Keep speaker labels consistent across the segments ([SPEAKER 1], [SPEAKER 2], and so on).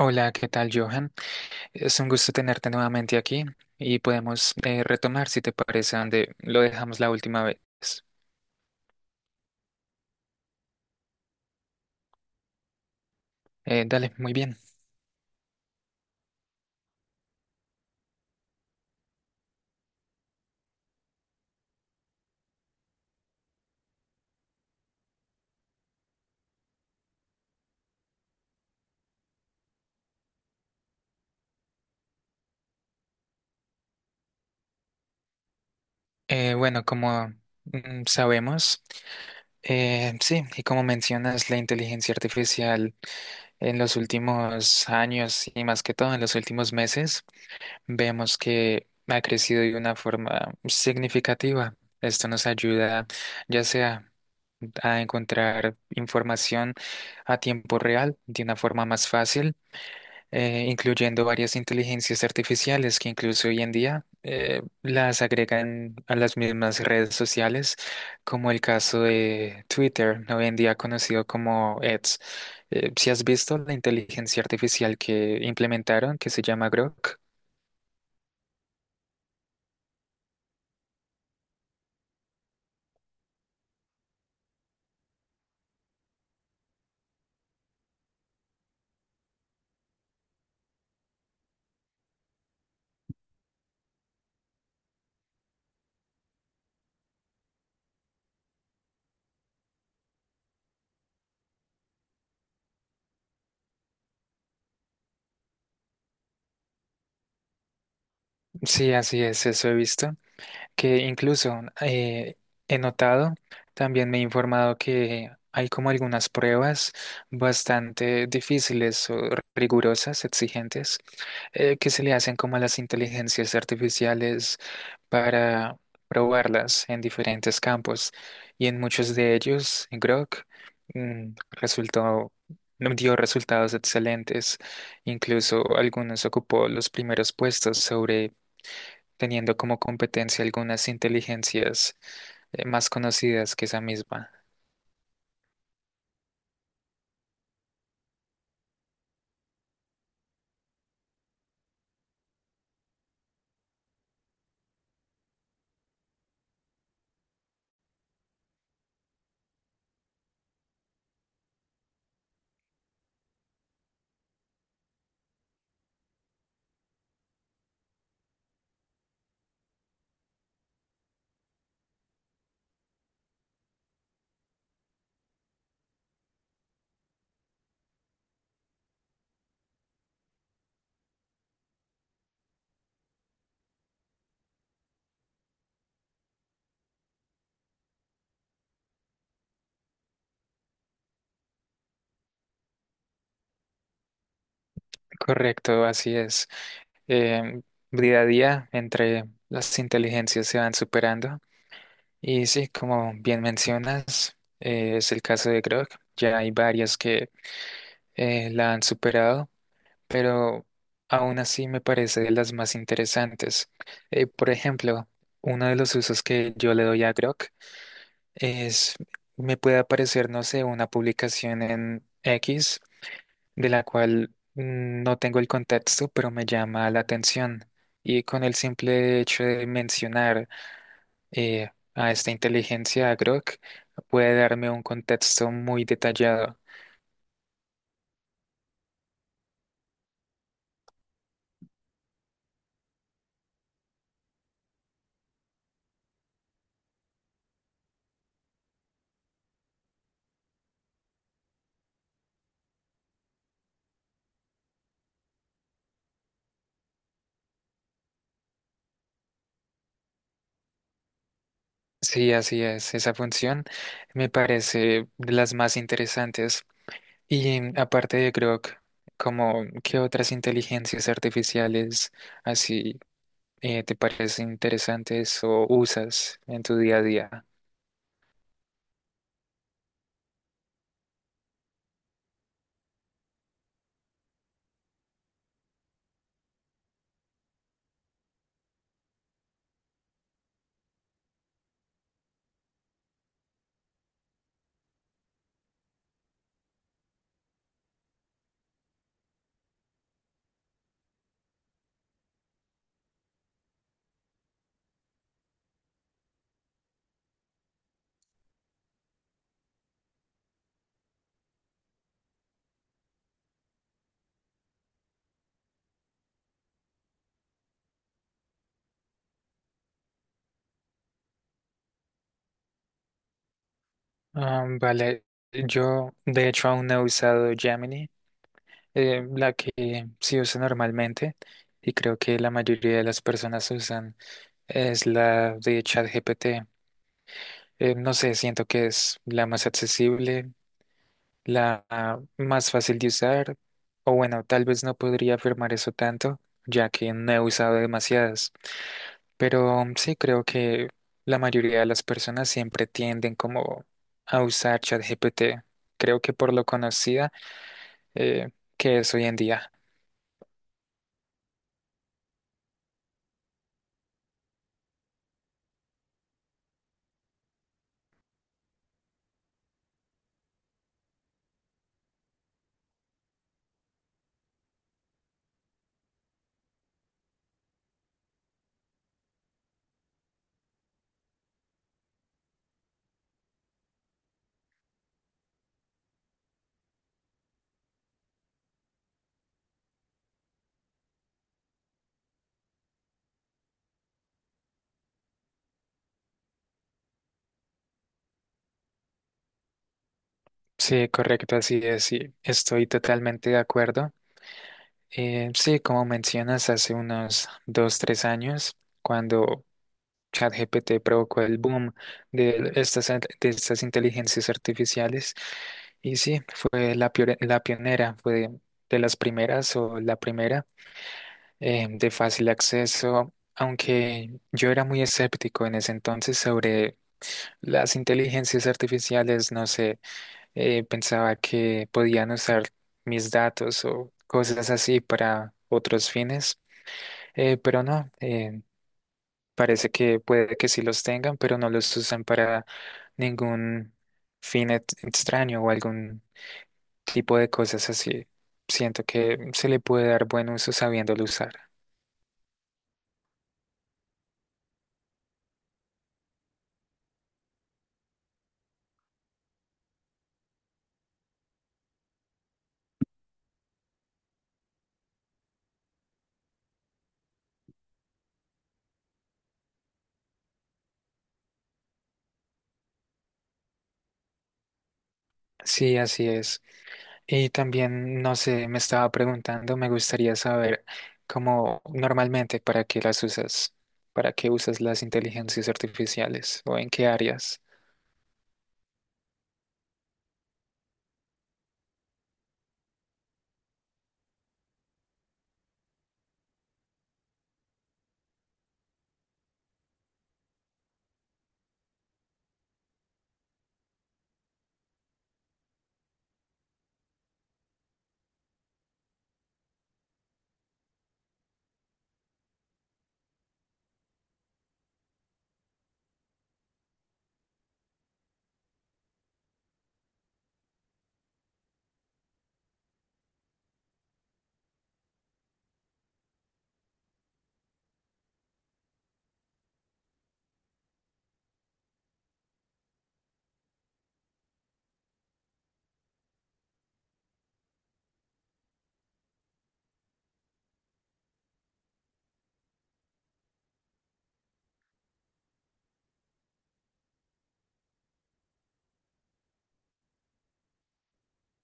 [SPEAKER 1] Hola, ¿qué tal, Johan? Es un gusto tenerte nuevamente aquí y podemos retomar, si te parece, donde lo dejamos la última vez. Dale, muy bien. Bueno, como sabemos, sí, y como mencionas, la inteligencia artificial en los últimos años y más que todo en los últimos meses, vemos que ha crecido de una forma significativa. Esto nos ayuda, ya sea a encontrar información a tiempo real de una forma más fácil, incluyendo varias inteligencias artificiales que incluso hoy en día las agregan a las mismas redes sociales, como el caso de Twitter, hoy en día conocido como X. Si has visto la inteligencia artificial que implementaron, que se llama Grok. Sí, así es, eso he visto, que incluso he notado, también me he informado que hay como algunas pruebas bastante difíciles o rigurosas, exigentes, que se le hacen como a las inteligencias artificiales para probarlas en diferentes campos. Y en muchos de ellos, Grok mm, resultó... dio resultados excelentes, incluso algunos ocupó los primeros puestos sobre teniendo como competencia algunas inteligencias más conocidas que esa misma. Correcto, así es. Eh, Día a día entre las inteligencias se van superando y sí, como bien mencionas, es el caso de Grok. Ya hay varias que la han superado, pero aún así me parece de las más interesantes. Por ejemplo, uno de los usos que yo le doy a Grok es, me puede aparecer, no sé, una publicación en X de la cual no tengo el contexto, pero me llama la atención. Y con el simple hecho de mencionar a esta inteligencia, a Grok, puede darme un contexto muy detallado. Sí, así es. Esa función me parece de las más interesantes. Y aparte de Grok, como qué otras inteligencias artificiales así te parecen interesantes o usas en tu día a día. Ah, vale, yo de hecho aún no he usado Gemini, la que sí uso normalmente y creo que la mayoría de las personas usan es la de ChatGPT. No sé, siento que es la más accesible, la más fácil de usar, o bueno, tal vez no podría afirmar eso tanto, ya que no he usado demasiadas. Pero sí creo que la mayoría de las personas siempre tienden como a usar ChatGPT. Creo que por lo conocida eh, que es hoy en día. Sí, correcto, así es, sí, estoy totalmente de acuerdo. Sí, como mencionas, hace unos dos, tres años, cuando ChatGPT provocó el boom de estas inteligencias artificiales, y sí, fue la, la pionera, fue de las primeras o la primera de fácil acceso, aunque yo era muy escéptico en ese entonces sobre las inteligencias artificiales, no sé, pensaba que podían usar mis datos o cosas así para otros fines, pero no, parece que puede que sí los tengan, pero no los usan para ningún fin extraño o algún tipo de cosas así. Siento que se le puede dar buen uso sabiéndolo usar. Sí, así es. Y también, no sé, me estaba preguntando, me gustaría saber cómo normalmente para qué las usas, para qué usas las inteligencias artificiales o en qué áreas.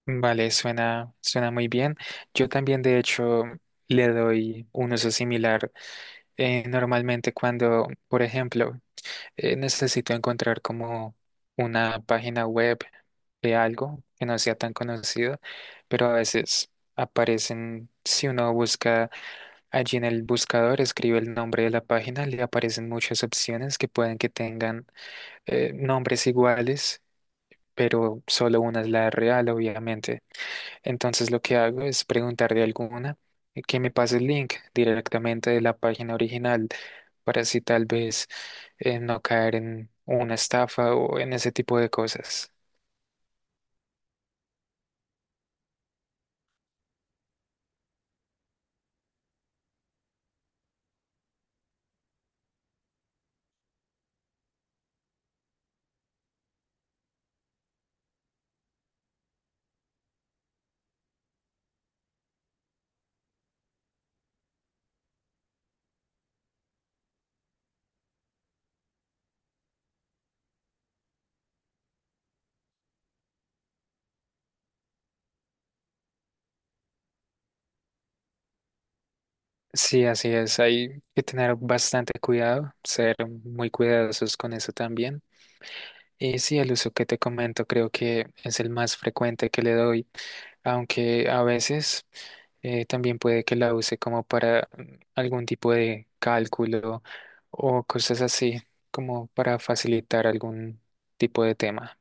[SPEAKER 1] Vale, suena muy bien. Yo también, de hecho, le doy un uso similar. Normalmente cuando, por ejemplo, necesito encontrar como una página web de algo que no sea tan conocido, pero a veces aparecen, si uno busca allí en el buscador, escribe el nombre de la página, le aparecen muchas opciones que pueden que tengan nombres iguales, pero solo una es la real, obviamente. Entonces lo que hago es preguntar de alguna que me pase el link directamente de la página original para así tal vez no caer en una estafa o en ese tipo de cosas. Sí, así es. Hay que tener bastante cuidado, ser muy cuidadosos con eso también. Y sí, el uso que te comento creo que es el más frecuente que le doy, aunque a veces también puede que la use como para algún tipo de cálculo o cosas así, como para facilitar algún tipo de tema.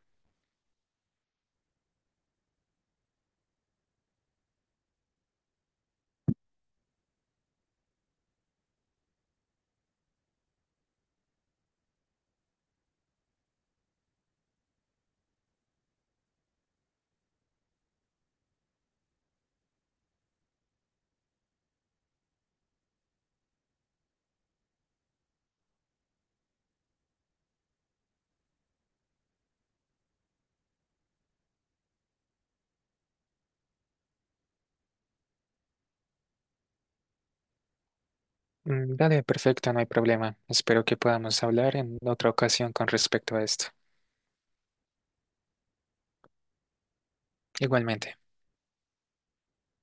[SPEAKER 1] Dale, perfecto, no hay problema. Espero que podamos hablar en otra ocasión con respecto a esto. Igualmente.